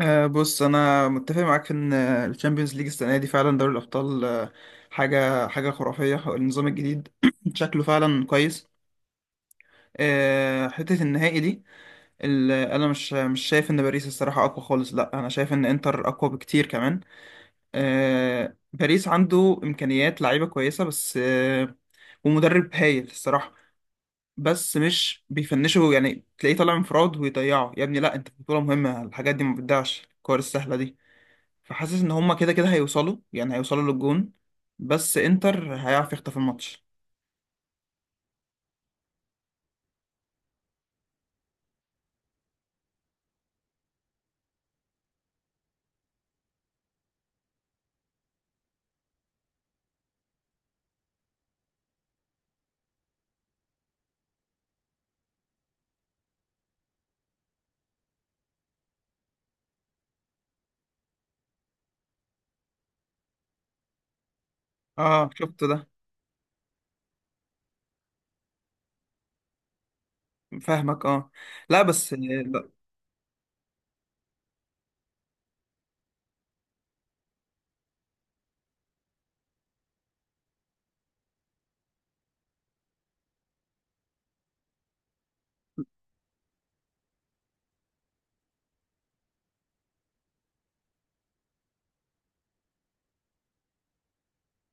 بص، انا متفق معاك في ان الشامبيونز ليج السنه دي فعلا دوري الابطال. حاجه خرافيه، النظام الجديد شكله فعلا كويس. حته النهائي دي انا مش شايف ان باريس الصراحه اقوى خالص، لا انا شايف ان انتر اقوى بكتير كمان. باريس عنده امكانيات لعيبه كويسه بس، ومدرب هايل الصراحه. بس مش بيفنشوا، يعني تلاقيه طالع انفراد ويضيعه. يا ابني لا، انت في بطوله مهمه الحاجات دي ما بتضيعش، الكور السهله دي. فحاسس ان هما كده كده هيوصلوا، يعني هيوصلوا للجون، بس انتر هيعرف يخطف الماتش. اه، شفت ده. فاهمك، اه. لا بس لا.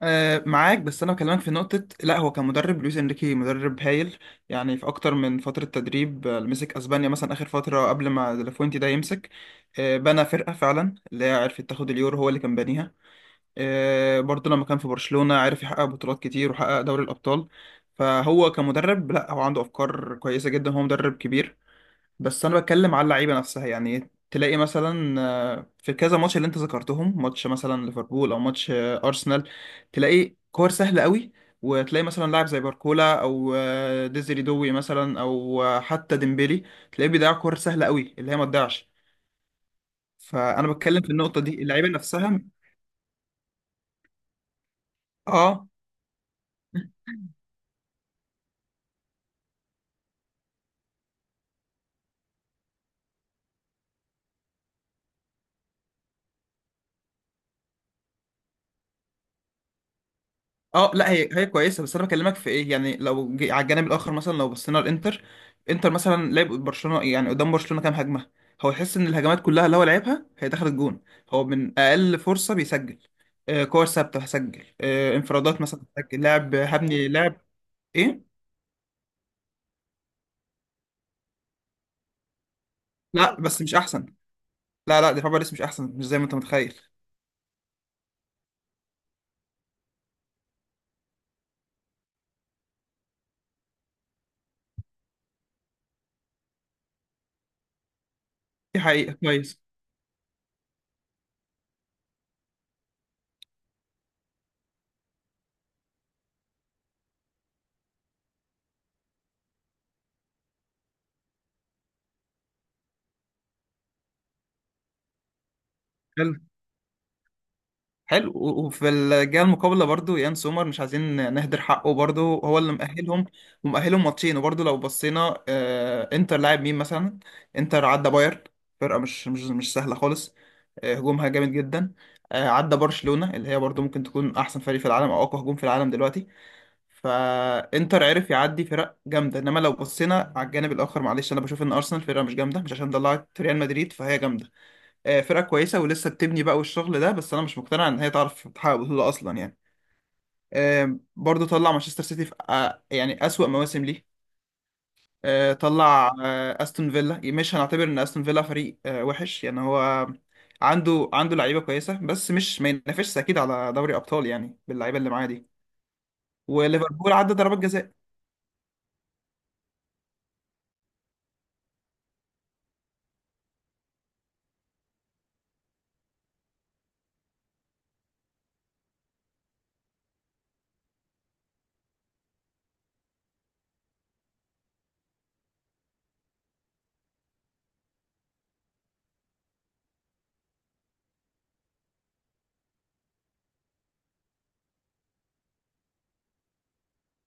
آه، معاك، بس انا بكلمك في نقطة. لا هو كمدرب لويس انريكي مدرب هايل، يعني في اكتر من فترة تدريب، مسك اسبانيا مثلا اخر فترة قبل ما ديلافوينتي ده يمسك، بنى فرقة فعلا اللي هي عرفت تاخد اليورو، هو اللي كان بانيها. برضه لما كان في برشلونة عرف يحقق بطولات كتير وحقق دوري الأبطال. فهو كمدرب لا، هو عنده أفكار كويسة جدا، هو مدرب كبير. بس أنا بتكلم على اللعيبة نفسها، يعني تلاقي مثلا في كذا ماتش اللي أنت ذكرتهم، ماتش مثلا ليفربول أو ماتش أرسنال، تلاقي كور سهلة قوي. وتلاقي مثلا لاعب زي باركولا أو ديزري دوي مثلا، أو حتى ديمبيلي تلاقيه بيضيع كور سهلة قوي اللي هي ما تضيعش. فأنا بتكلم في النقطة دي، اللعيبة نفسها. اه، اه. لا هي هي كويسه، بس انا بكلمك في ايه. يعني لو على الجانب الاخر مثلا، لو بصينا الانتر. انتر مثلا لعب برشلونه، يعني قدام برشلونه كام هجمه هو يحس ان الهجمات كلها اللي هو لعبها هي دخلت جون. هو من اقل فرصه بيسجل، كور ثابته هسجل، انفرادات مثلا هسجل، لاعب هبني لاعب. ايه؟ لا بس مش احسن، لا لا دفاع باريس مش احسن، مش زي ما انت متخيل. دي حقيقه، كويس. حلو، وفي الجهه المقابله برضو يان سومر، مش عايزين نهدر حقه، برضو هو اللي مأهلهم، ومأهلهم ماتشين. وبرضو لو بصينا انتر لاعب مين مثلا؟ انتر عدى بايرن، فرقه مش سهله خالص. هجومها جامد جدا. عدى برشلونه اللي هي برضو ممكن تكون احسن فريق في العالم، او اقوى هجوم في العالم دلوقتي. فانتر عرف يعدي فرق جامده، انما لو بصينا على الجانب الاخر، معلش انا بشوف ان ارسنال فرقه مش جامده، مش عشان طلعت ريال مدريد فهي جامده. فرقة كويسة ولسه بتبني بقى والشغل ده، بس أنا مش مقتنع إن هي تعرف تحقق بطولة أصلا يعني. برضه طلع مانشستر سيتي في يعني أسوأ مواسم ليه. طلع أستون فيلا. مش هنعتبر إن أستون فيلا فريق وحش يعني، هو عنده لعيبة كويسة بس مش ما ينافسش أكيد على دوري أبطال يعني، باللعيبة اللي معاه دي. وليفربول عدى ضربات جزاء.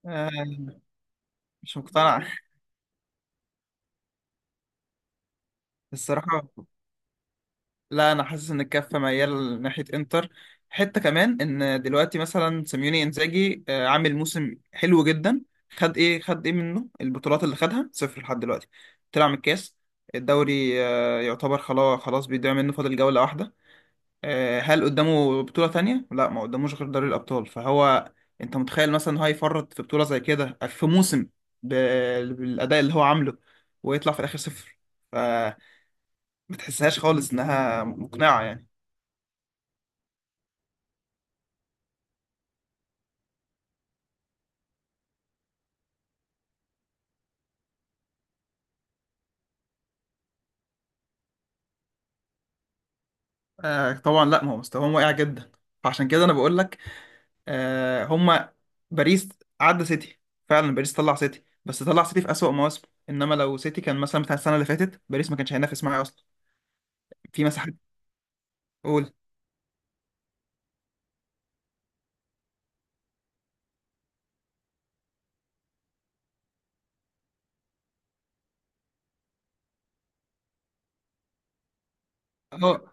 آه، مش مقتنع. الصراحة لا، انا حاسس ان الكفه ميال ناحيه انتر. حته كمان ان دلوقتي مثلا سيميوني انزاجي عامل موسم حلو جدا. خد ايه منه؟ البطولات اللي خدها صفر لحد دلوقتي. طلع من الكاس، الدوري يعتبر خلاص خلاص بيضيع منه، فاضل جوله واحده. هل قدامه بطوله تانية؟ لا، ما قداموش غير دوري الابطال. فهو انت متخيل مثلا إن هو يفرط في بطوله زي كده في موسم ب- بالاداء اللي هو عامله ويطلع في الاخر صفر؟ فما تحسهاش خالص انها مقنعه يعني. آه طبعا. لا ما هو مستواهم واقع جدا، فعشان كده انا بقول لك، هما، باريس عدى سيتي. فعلا باريس طلع سيتي، بس طلع سيتي في أسوأ مواسمه، انما لو سيتي كان مثلا بتاع السنه اللي فاتت باريس ما كانش هينافس معاه اصلا. في مساحات. قول. اه،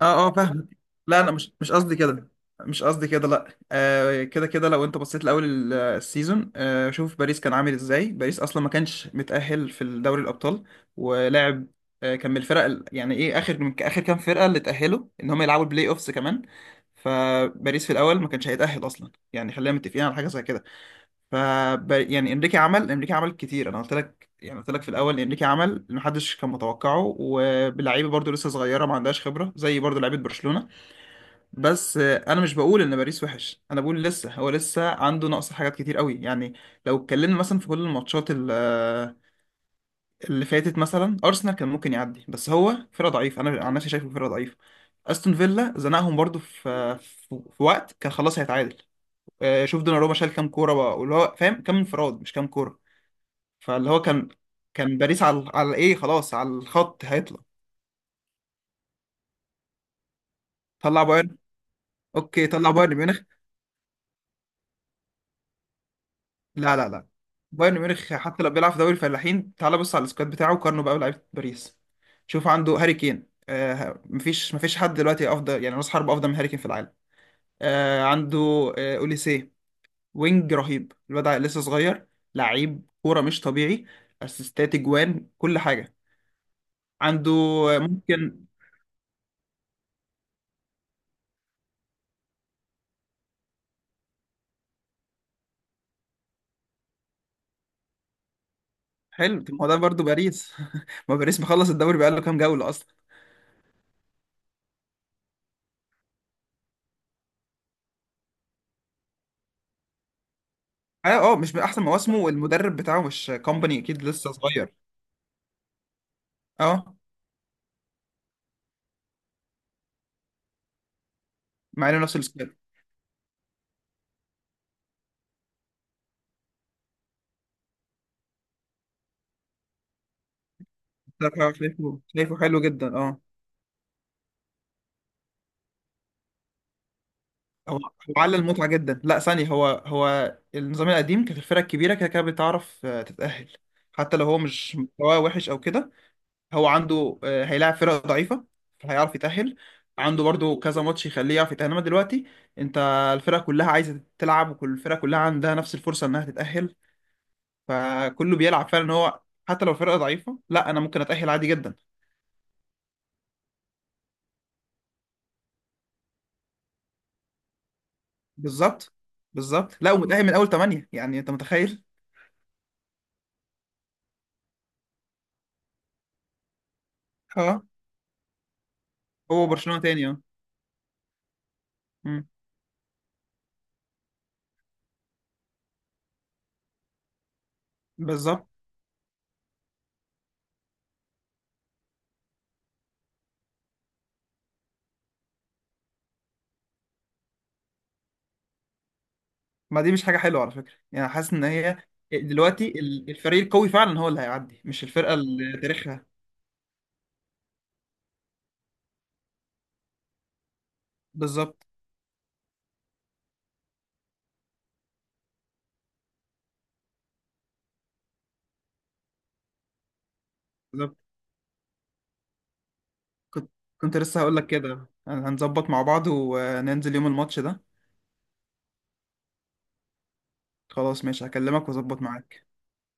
اه، اه، فاهمك. لا انا مش قصدي كده، مش قصدي كده، لا. كده كده لو انت بصيت لاول السيزون، شوف باريس كان عامل ازاي. باريس اصلا ما كانش متأهل في دوري الابطال ولعب، كان من الفرق يعني ايه، اخر من اخر كام فرقة اللي تأهلوا، ان هم يلعبوا البلاي اوفس كمان. فباريس في الاول ما كانش هيتأهل اصلا، يعني خلينا متفقين على حاجة زي كده. ف يعني انريكي عمل كتير، انا قلت لك، يعني قلت لك في الاول انريكي عمل اللي محدش كان متوقعه، وبلعيبه برضو لسه صغيره ما عندهاش خبره زي برضو لعيبه برشلونه. بس انا مش بقول ان باريس وحش، انا بقول لسه هو لسه عنده نقص حاجات كتير قوي يعني. لو اتكلمنا مثلا في كل الماتشات اللي فاتت، مثلا ارسنال كان ممكن يعدي، بس هو فرقه ضعيفه، انا عن نفسي شايفه فرقه ضعيفه. استون فيلا زنقهم برضو في وقت كان خلاص هيتعادل. شوف دوناروما شال كام كوره بقى، واللي هو فاهم كام انفراد مش كام كوره. فاللي هو كان، كان باريس على ايه، خلاص، على الخط هيطلع. طلع بايرن. اوكي، طلع بايرن ميونخ. لا لا لا، بايرن ميونخ حتى لو بيلعب في دوري الفلاحين، تعال بص على السكواد بتاعه وقارنه بقى لعيبه باريس. شوف عنده هاري كين، مفيش حد دلوقتي افضل، يعني راس حربة افضل من هاري كين في العالم. عنده اوليسيه، وينج رهيب، الواد لسه صغير، لعيب كوره مش طبيعي، اسيستات، اجوان، كل حاجه عنده. ممكن. حلو، طب ما هو ده برضه باريس. ما باريس مخلص الدوري بقاله كام جولة أصلا. اه، اه، مش من أحسن مواسمه، والمدرب بتاعه مش كومباني، أكيد لسه صغير. اه، مع إنه نفس السكواد. بصراحة، شايفه حلو جدا، اه. هو هو على المتعة، جدا. لا ثانية، هو هو النظام القديم كانت الفرق الكبيرة كده كده بتعرف تتأهل، حتى لو هو مش مستواه وحش أو كده. هو عنده هيلاعب فرق ضعيفة فهيعرف يتأهل، عنده برضو كذا ماتش يخليه يعرف يتأهل، انما دلوقتي انت، الفرق كلها عايزة تلعب، وكل الفرق كلها عندها نفس الفرصة انها تتأهل. فكله بيلعب فعلا إن هو حتى لو فرقة ضعيفة، لا انا ممكن اتأهل عادي جدا. بالظبط. بالظبط، لا، ومتأهل من اول ثمانية، يعني انت متخيل. اه. هو برشلونة تاني، اه. أمم، بالظبط. ما دي مش حاجة حلوة على فكرة، يعني حاسس ان هي دلوقتي، الفريق القوي فعلا هو اللي هيعدي، مش الفرقة اللي تاريخها. بالظبط. كنت كنت لسه هقول لك كده، هنظبط مع بعض وننزل يوم الماتش ده. خلاص، ماشي، هكلمك واظبط معاك.